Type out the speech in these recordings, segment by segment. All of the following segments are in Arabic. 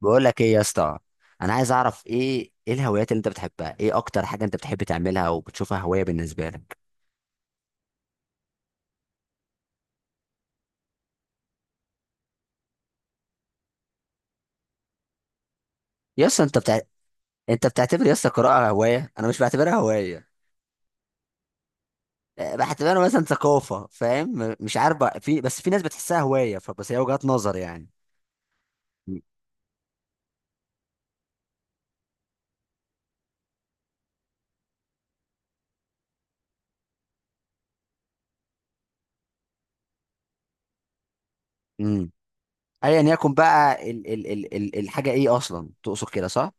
بقول لك ايه يا اسطى؟ انا عايز اعرف ايه الهوايات اللي انت بتحبها، ايه اكتر حاجه انت بتحب تعملها وبتشوفها هوايه بالنسبه لك؟ يا اسطى انت بتعتبر يا اسطى القراءه هوايه؟ انا مش بعتبرها هوايه. أه، بعتبرها مثلا ثقافه، فاهم، مش عارف بقى، في، بس في ناس بتحسها هوايه، فبس هي وجهات نظر يعني. امم. ايا يكن بقى الحاجه، ايه اصلا تقصد كده صح؟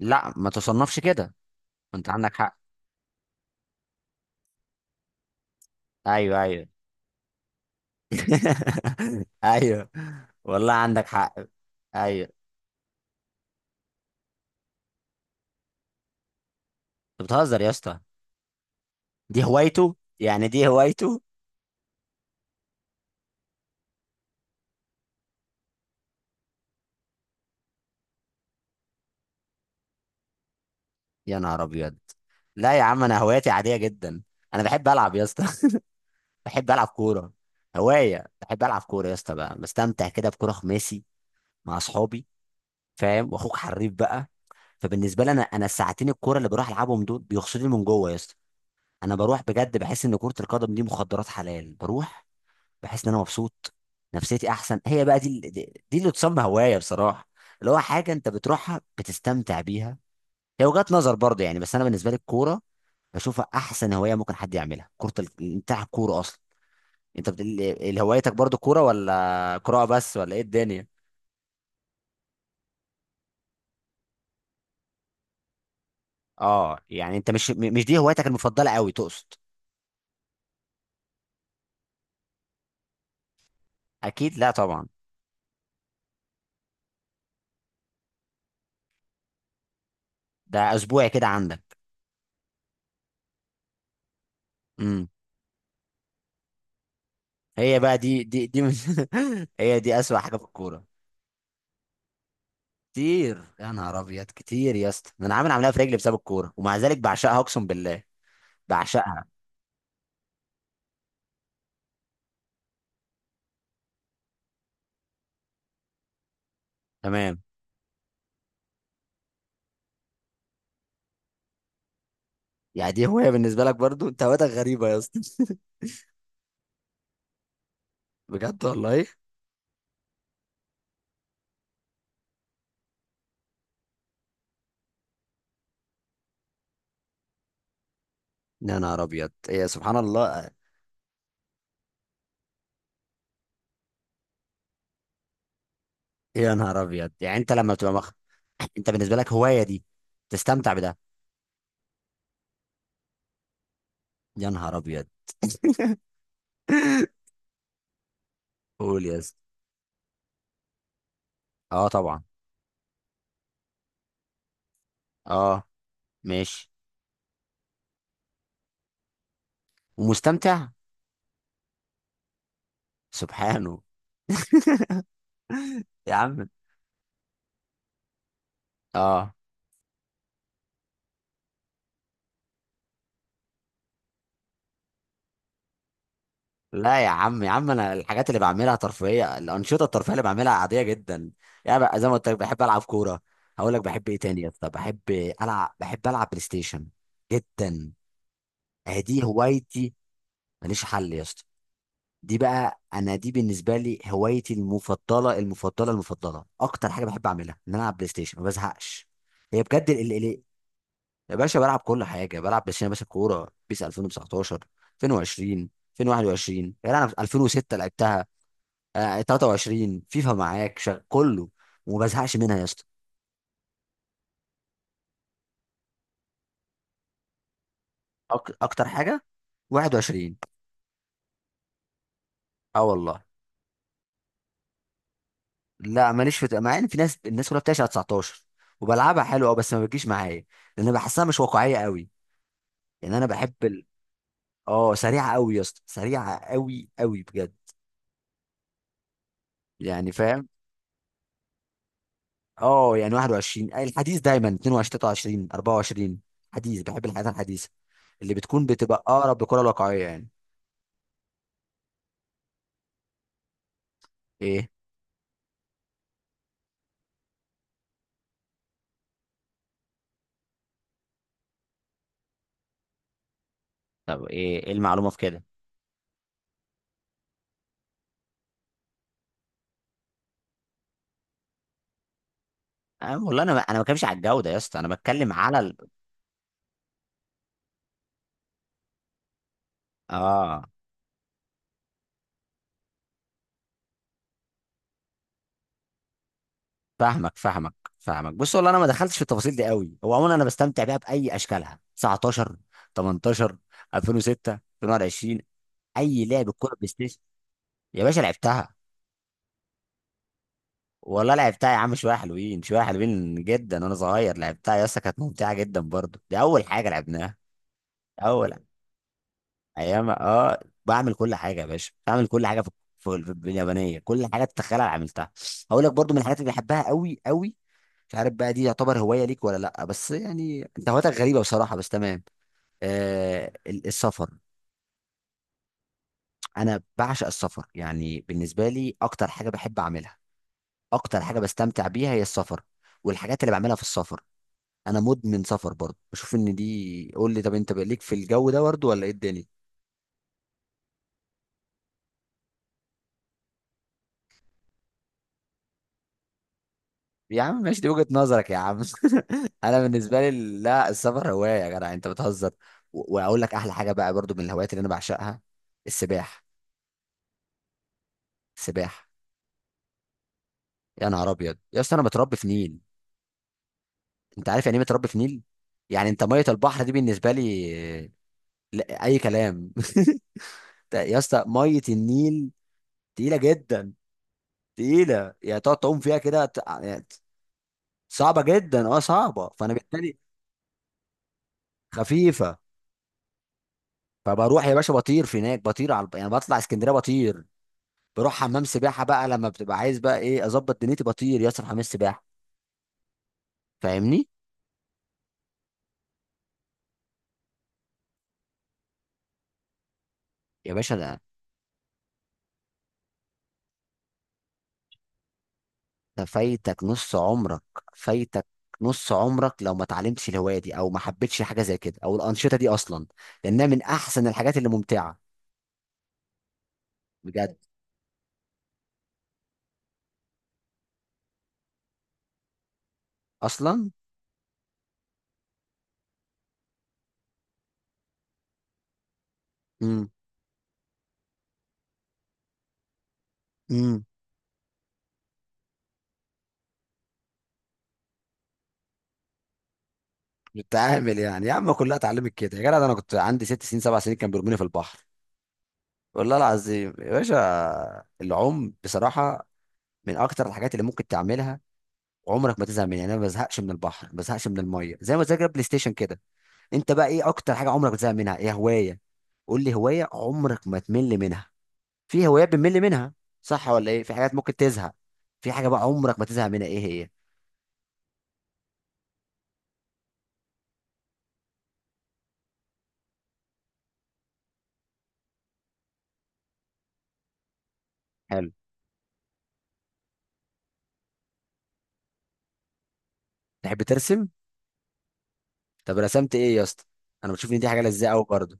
لا ما تصنفش كده. انت عندك حق. ايوه، ايوه. ايوه. والله عندك حق. ايوه. انت بتهزر يا اسطى، دي هوايته يعني، دي هوايته. يا نهار ابيض. لا يا عم، انا هواياتي عاديه جدا. انا بحب العب يا اسطى. بحب العب كوره. هوايه، بحب العب كوره يا اسطى بقى، بستمتع كده بكوره خماسي مع اصحابي. فاهم؟ واخوك حريف بقى. فبالنسبه لي انا الساعتين الكوره اللي بروح العبهم دول بيغسلوني من جوه يا اسطى. انا بروح بجد، بحس ان كره القدم دي مخدرات حلال. بروح بحس ان انا مبسوط، نفسيتي احسن. هي بقى دي اللي تسمى هوايه بصراحه، اللي هو حاجه انت بتروحها بتستمتع بيها. هي وجهات نظر برضه يعني، بس انا بالنسبه لي الكوره بشوفها احسن هوايه ممكن حد يعملها. كره بتاع الكوره اصلا. هوايتك برضه كوره ولا قراءه بس ولا ايه الدنيا؟ اه يعني انت مش مش دي هوايتك المفضله قوي تقصد؟ اكيد لا طبعا. ده اسبوعي كده عندك. امم. هي بقى هي دي اسوأ حاجه في الكوره. كتير، يا نهار ابيض كتير يا اسطى، ده انا عامل عمليه في رجلي بسبب الكوره، ومع ذلك بعشقها اقسم بالله. بعشقها. تمام. يعني دي هوايه بالنسبه لك؟ برضو انت هوايتك غريبه يا اسطى. بجد والله؟ ايه؟ يا نهار ابيض. إيه؟ سبحان الله. يا نهار ابيض. يعني انت لما انت بالنسبه لك هوايه دي، تستمتع بده؟ يا نهار ابيض. قول يا اسطى. اه طبعا. اه ماشي. ومستمتع. سبحانه. يا عم. اه. لا يا عم، يا عم انا الحاجات اللي بعملها ترفيهيه، الانشطه الترفيهيه اللي بعملها عاديه جدا. يعني بقى زي ما قلت لك، بحب العب كوره. هقول لك بحب ايه تاني يا اسطى، بحب العب بلاي ستيشن جدا. آه، دي هوايتي. ماليش حل يا اسطى. دي بقى انا، دي بالنسبه لي هوايتي المفضله المفضله، اكتر حاجه بحب اعملها ان انا العب بلاي ستيشن. ما بزهقش. هي بجد ال. يا باشا بلعب كل حاجه، بلعب بلاي ستيشن يا باشا، كوره بيس 2019 2020 2021. يعني انا في 2006 لعبتها. آه، 23 فيفا معاك كله. وما بزهقش منها يا اسطى. اكتر حاجه 21. اه والله. لا ماليش في، مع ان في ناس، الناس كلها بتعشق 19، وبلعبها حلو اه، بس ما بتجيش معايا لان بحسها مش واقعيه قوي. يعني انا بحب. اه سريعه قوي يا اسطى، سريعه قوي قوي بجد. يعني فاهم. اه يعني 21 الحديث دايما، 22 23 24، حديث. بحب الحاجات الحديثه اللي بتكون بتبقى اقرب للكره الواقعيه يعني. ايه؟ طب ايه ايه المعلومه في كده؟ أنا والله انا ما بتكلمش على الجوده يا اسطى، انا بتكلم على اه فاهمك فاهمك. بص والله انا ما دخلتش في التفاصيل دي قوي، هو عموما انا بستمتع بيها باي اشكالها، 19 18 2006 2020. اي لعب كوره بلاي ستيشن. يا باشا لعبتها. والله لعبتها يا عم، شويه حلوين، شويه حلوين جدا. وانا صغير لعبتها يا اسطى، كانت ممتعه جدا برضو، دي اول حاجه لعبناها. اول ايام اه. بعمل كل حاجه يا باشا، بعمل كل حاجه في اليابانيه، كل حاجه تتخيلها أنا عملتها. هقول لك برضو من الحاجات اللي بحبها قوي قوي، مش عارف بقى دي يعتبر هوايه ليك ولا لا، بس يعني انت هوايتك غريبه بصراحه، بس تمام. آه السفر. انا بعشق السفر. يعني بالنسبه لي اكتر حاجه بحب اعملها، اكتر حاجه بستمتع بيها هي السفر، والحاجات اللي بعملها في السفر. انا مدمن سفر برضه، بشوف ان دي، قول لي طب، انت بقى ليك في الجو ده برضه ولا ايه الدنيا؟ يا عم ماشي، دي وجهة نظرك يا عم. انا بالنسبه لي لا، السفر هوايه يا جدع، انت بتهزر. واقول لك احلى حاجه بقى برضه من الهوايات اللي انا بعشقها، السباحه. السباحه. يا نهار ابيض يا اسطى، انا متربي في نيل. انت عارف يعني ايه متربي في نيل؟ يعني انت ميه البحر دي بالنسبه لي لا، اي كلام. يا اسطى ميه النيل تقيله جدا، تقيله، يعني تقعد تعوم فيها كده صعبه جدا، اه صعبه، فانا بالتالي. خفيفه. فبروح يا باشا بطير في هناك، بطير على يعني، بطلع اسكندريه بطير، بروح حمام سباحه بقى لما بتبقى عايز بقى ايه، اظبط دنيتي، بطير ياسر حمام سباحه. فاهمني؟ يا باشا ده، ده فايتك نص عمرك. فايتك نص عمرك لو ما اتعلمتش الهوايه دي، او ما حبيتش حاجه زي كده، او الانشطه دي اصلا، لانها من احسن الحاجات اللي ممتعه بجد. اصلا. امم. امم. بتعامل يعني يا عم، كلها اتعلمت كده يا جدع، ده انا كنت عندي ست سنين سبع سنين كان بيرموني في البحر. والله العظيم يا باشا، العوم بصراحة من أكتر الحاجات اللي ممكن تعملها وعمرك ما تزهق منها. يعني أنا ما بزهقش من البحر، ما بزهقش من المية، زي ما تذاكر بلاي ستيشن كده. أنت بقى إيه أكتر حاجة عمرك ما تزهق منها؟ إيه هواية؟ قول لي هواية عمرك ما تمل منها. في هوايات بنمل منها صح ولا إيه؟ في حاجات ممكن تزهق؟ في حاجة بقى عمرك ما تزهق منها إيه هي؟ حلو. تحب ترسم؟ طب رسمت إيه يا اسطى؟ أنا بشوف إن دي حاجة لذيذة أوي برضه.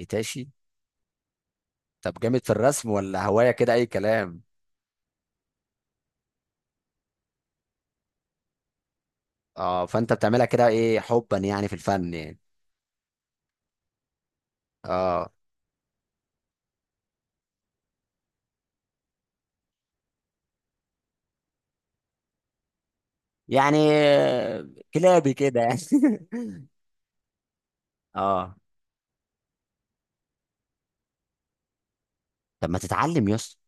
إيتاشي. طب جامد في الرسم ولا هواية كده أي كلام؟ اه فانت بتعملها كده ايه، حبا يعني في الفن يعني. اه يعني كلابي كده يعني. اه. طب ما تتعلم يا اسطى؟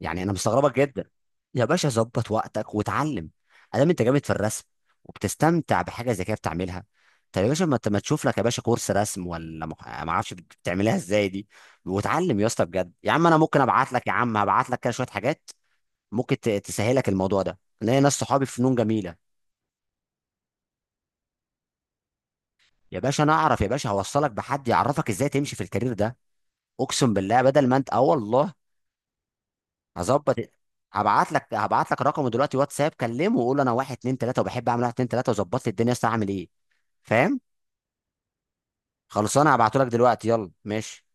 يعني انا مستغربك جدا. يا باشا ظبط وقتك واتعلم. ادام انت جامد في الرسم وبتستمتع بحاجه زي كده بتعملها، طب يا باشا ما تشوف لك يا باشا كورس رسم، ولا ما اعرفش بتعملها ازاي دي. واتعلم يا اسطى بجد يا عم. انا ممكن ابعت لك يا عم، هبعت لك كده شويه حاجات ممكن تسهلك الموضوع ده، لان ناس صحابي في فنون جميله. يا باشا انا اعرف، يا باشا هوصلك بحد يعرفك ازاي تمشي في الكارير ده، اقسم بالله، بدل ما انت اه والله. هظبط، هبعت لك رقمه دلوقتي واتساب، كلمه وقول له انا واحد اتنين تلاته وبحب اعمل واحد اتنين تلاته، وظبط لي الدنيا. يا اسطى اعمل ايه؟ فاهم؟ خلصانه. هبعته لك دلوقتي. يلا ماشي.